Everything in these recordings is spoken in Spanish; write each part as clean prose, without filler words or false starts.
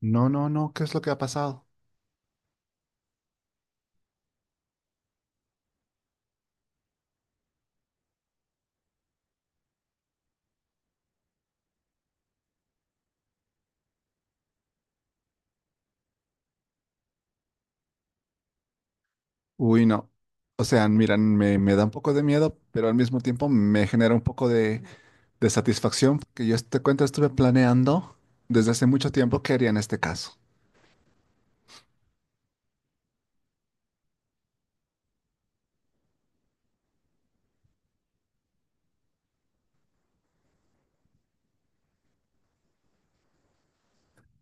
No, no, no, ¿qué es lo que ha pasado? Uy, no. O sea, miran, me da un poco de miedo, pero al mismo tiempo me genera un poco de satisfacción, porque yo te cuento, estuve planeando desde hace mucho tiempo qué haría en este caso.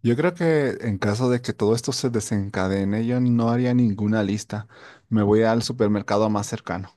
Yo creo que en caso de que todo esto se desencadene, yo no haría ninguna lista. Me voy al supermercado más cercano.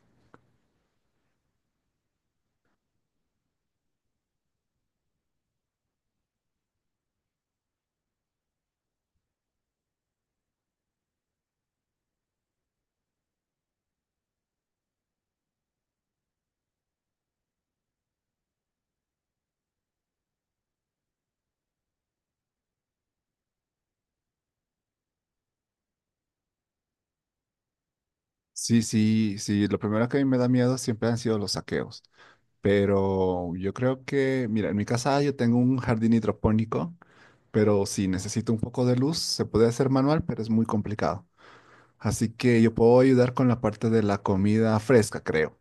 Sí, sí, sí, lo primero que a mí me da miedo siempre han sido los saqueos. Pero yo creo que, mira, en mi casa yo tengo un jardín hidropónico, pero si necesito un poco de luz, se puede hacer manual, pero es muy complicado. Así que yo puedo ayudar con la parte de la comida fresca, creo.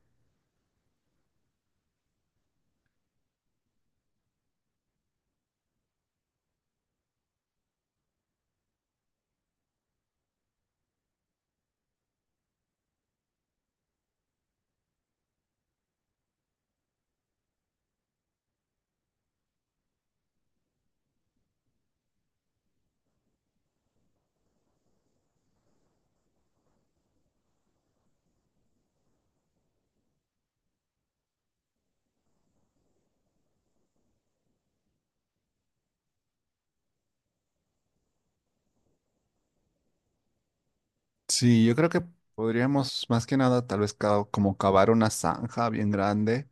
Sí, yo creo que podríamos más que nada tal vez como cavar una zanja bien grande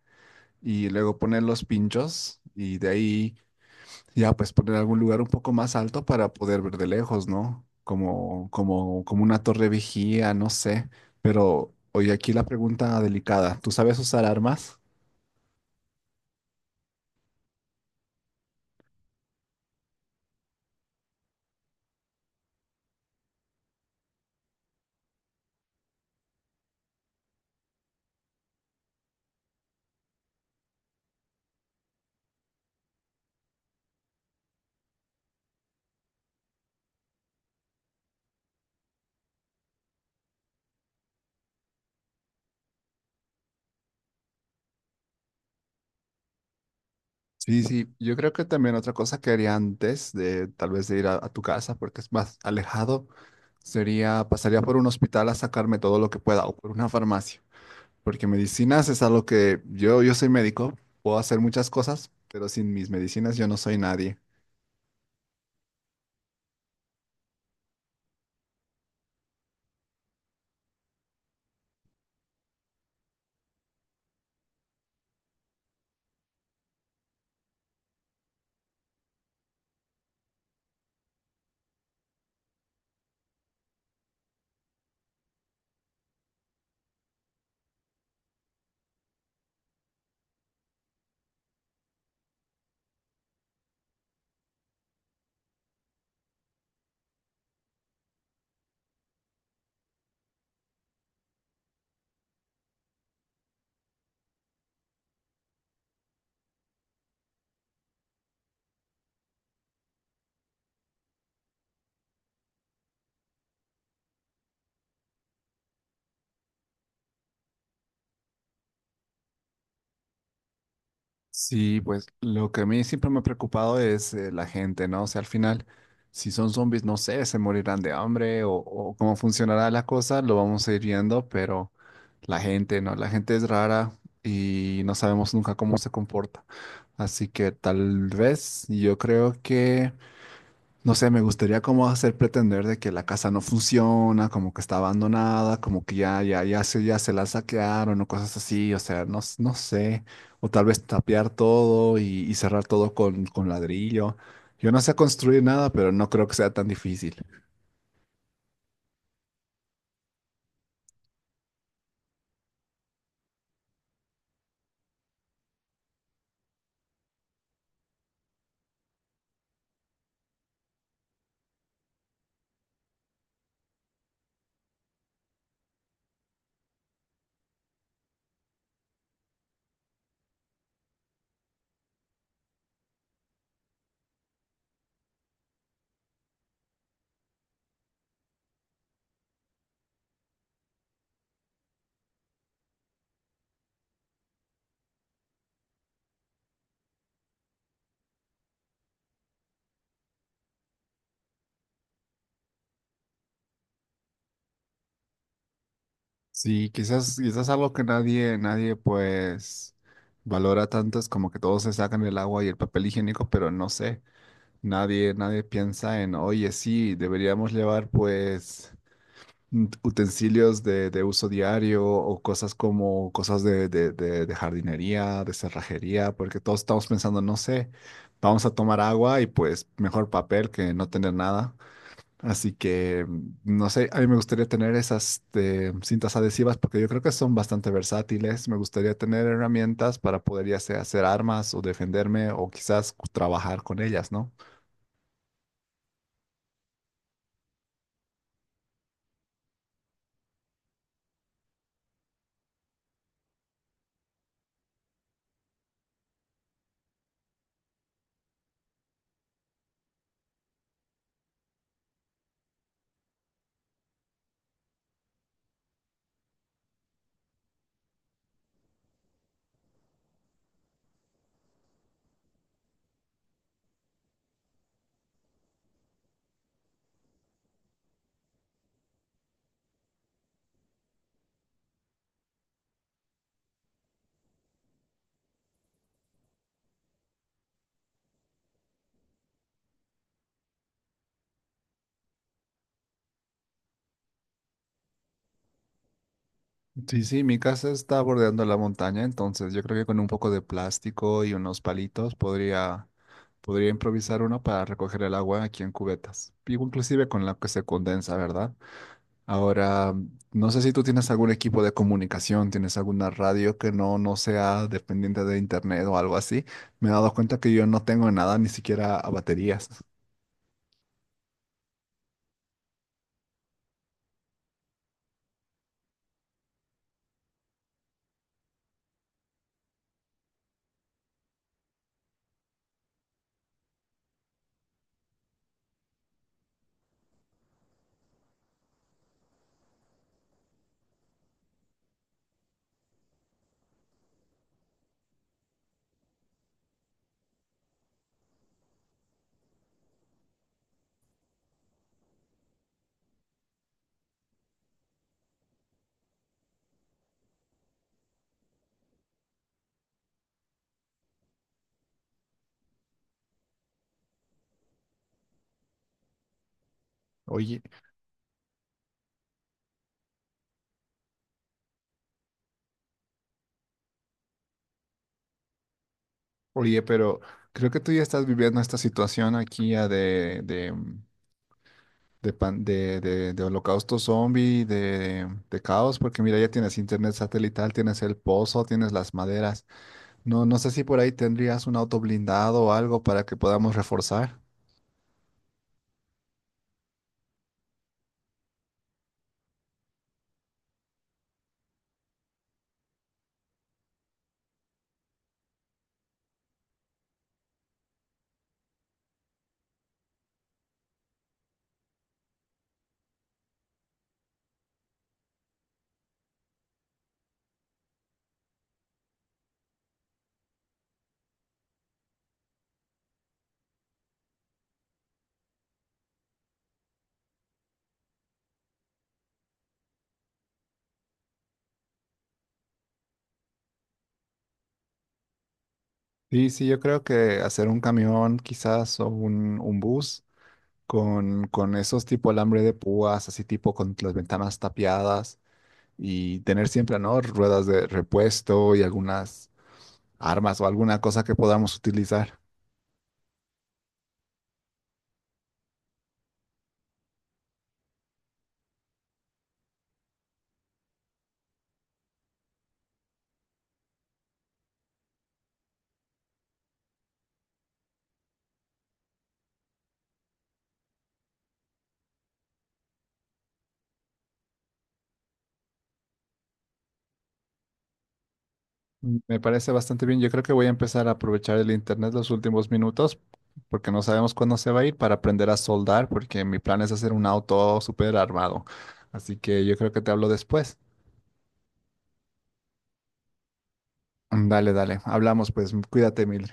y luego poner los pinchos y de ahí ya pues poner algún lugar un poco más alto para poder ver de lejos, ¿no? Como una torre vigía, no sé. Pero oye, aquí la pregunta delicada, ¿tú sabes usar armas? Sí, sí, yo creo que también otra cosa que haría antes de tal vez de ir a tu casa, porque es más alejado, sería pasaría por un hospital a sacarme todo lo que pueda o por una farmacia, porque medicinas es algo que yo soy médico, puedo hacer muchas cosas, pero sin mis medicinas yo no soy nadie. Sí, pues lo que a mí siempre me ha preocupado es la gente, ¿no? O sea, al final, si son zombies, no sé, se morirán de hambre o cómo funcionará la cosa, lo vamos a ir viendo, pero la gente, ¿no? La gente es rara y no sabemos nunca cómo se comporta. Así que tal vez yo creo que no sé, me gustaría como hacer pretender de que la casa no funciona, como que está abandonada, como que ya, ya, ya se la saquearon o cosas así, o sea, no, no sé. O tal vez tapiar todo y cerrar todo con ladrillo. Yo no sé construir nada, pero no creo que sea tan difícil. Sí, quizás, quizás algo que nadie pues valora tanto es como que todos se sacan el agua y el papel higiénico, pero no sé, nadie piensa en, oye, sí, deberíamos llevar pues utensilios de uso diario o cosas como cosas de, de jardinería, de cerrajería, porque todos estamos pensando, no sé, vamos a tomar agua y pues mejor papel que no tener nada. Así que, no sé, a mí me gustaría tener esas este, cintas adhesivas porque yo creo que son bastante versátiles. Me gustaría tener herramientas para poder ya sea hacer armas o defenderme o quizás trabajar con ellas, ¿no? Sí, sí, mi casa está bordeando la montaña, entonces yo creo que con un poco de plástico y unos palitos podría improvisar uno para recoger el agua aquí en cubetas, y inclusive con la que se condensa, ¿verdad? Ahora, no sé si tú tienes algún equipo de comunicación, tienes alguna radio que no, no sea dependiente de internet o algo así. Me he dado cuenta que yo no tengo nada, ni siquiera a baterías. Oye, oye, pero creo que tú ya estás viviendo esta situación aquí ya de, de holocausto zombie, de caos, porque mira, ya tienes internet satelital, tienes el pozo, tienes las maderas. No, no sé si por ahí tendrías un auto blindado o algo para que podamos reforzar. Sí, sí, yo creo que hacer un camión quizás o un bus con esos tipo alambre de púas, así tipo con las ventanas tapiadas y tener siempre, ¿no? Ruedas de repuesto y algunas armas o alguna cosa que podamos utilizar. Me parece bastante bien. Yo creo que voy a empezar a aprovechar el internet los últimos minutos porque no sabemos cuándo se va a ir, para aprender a soldar, porque mi plan es hacer un auto súper armado. Así que yo creo que te hablo después. Dale, dale. Hablamos pues. Cuídate mil.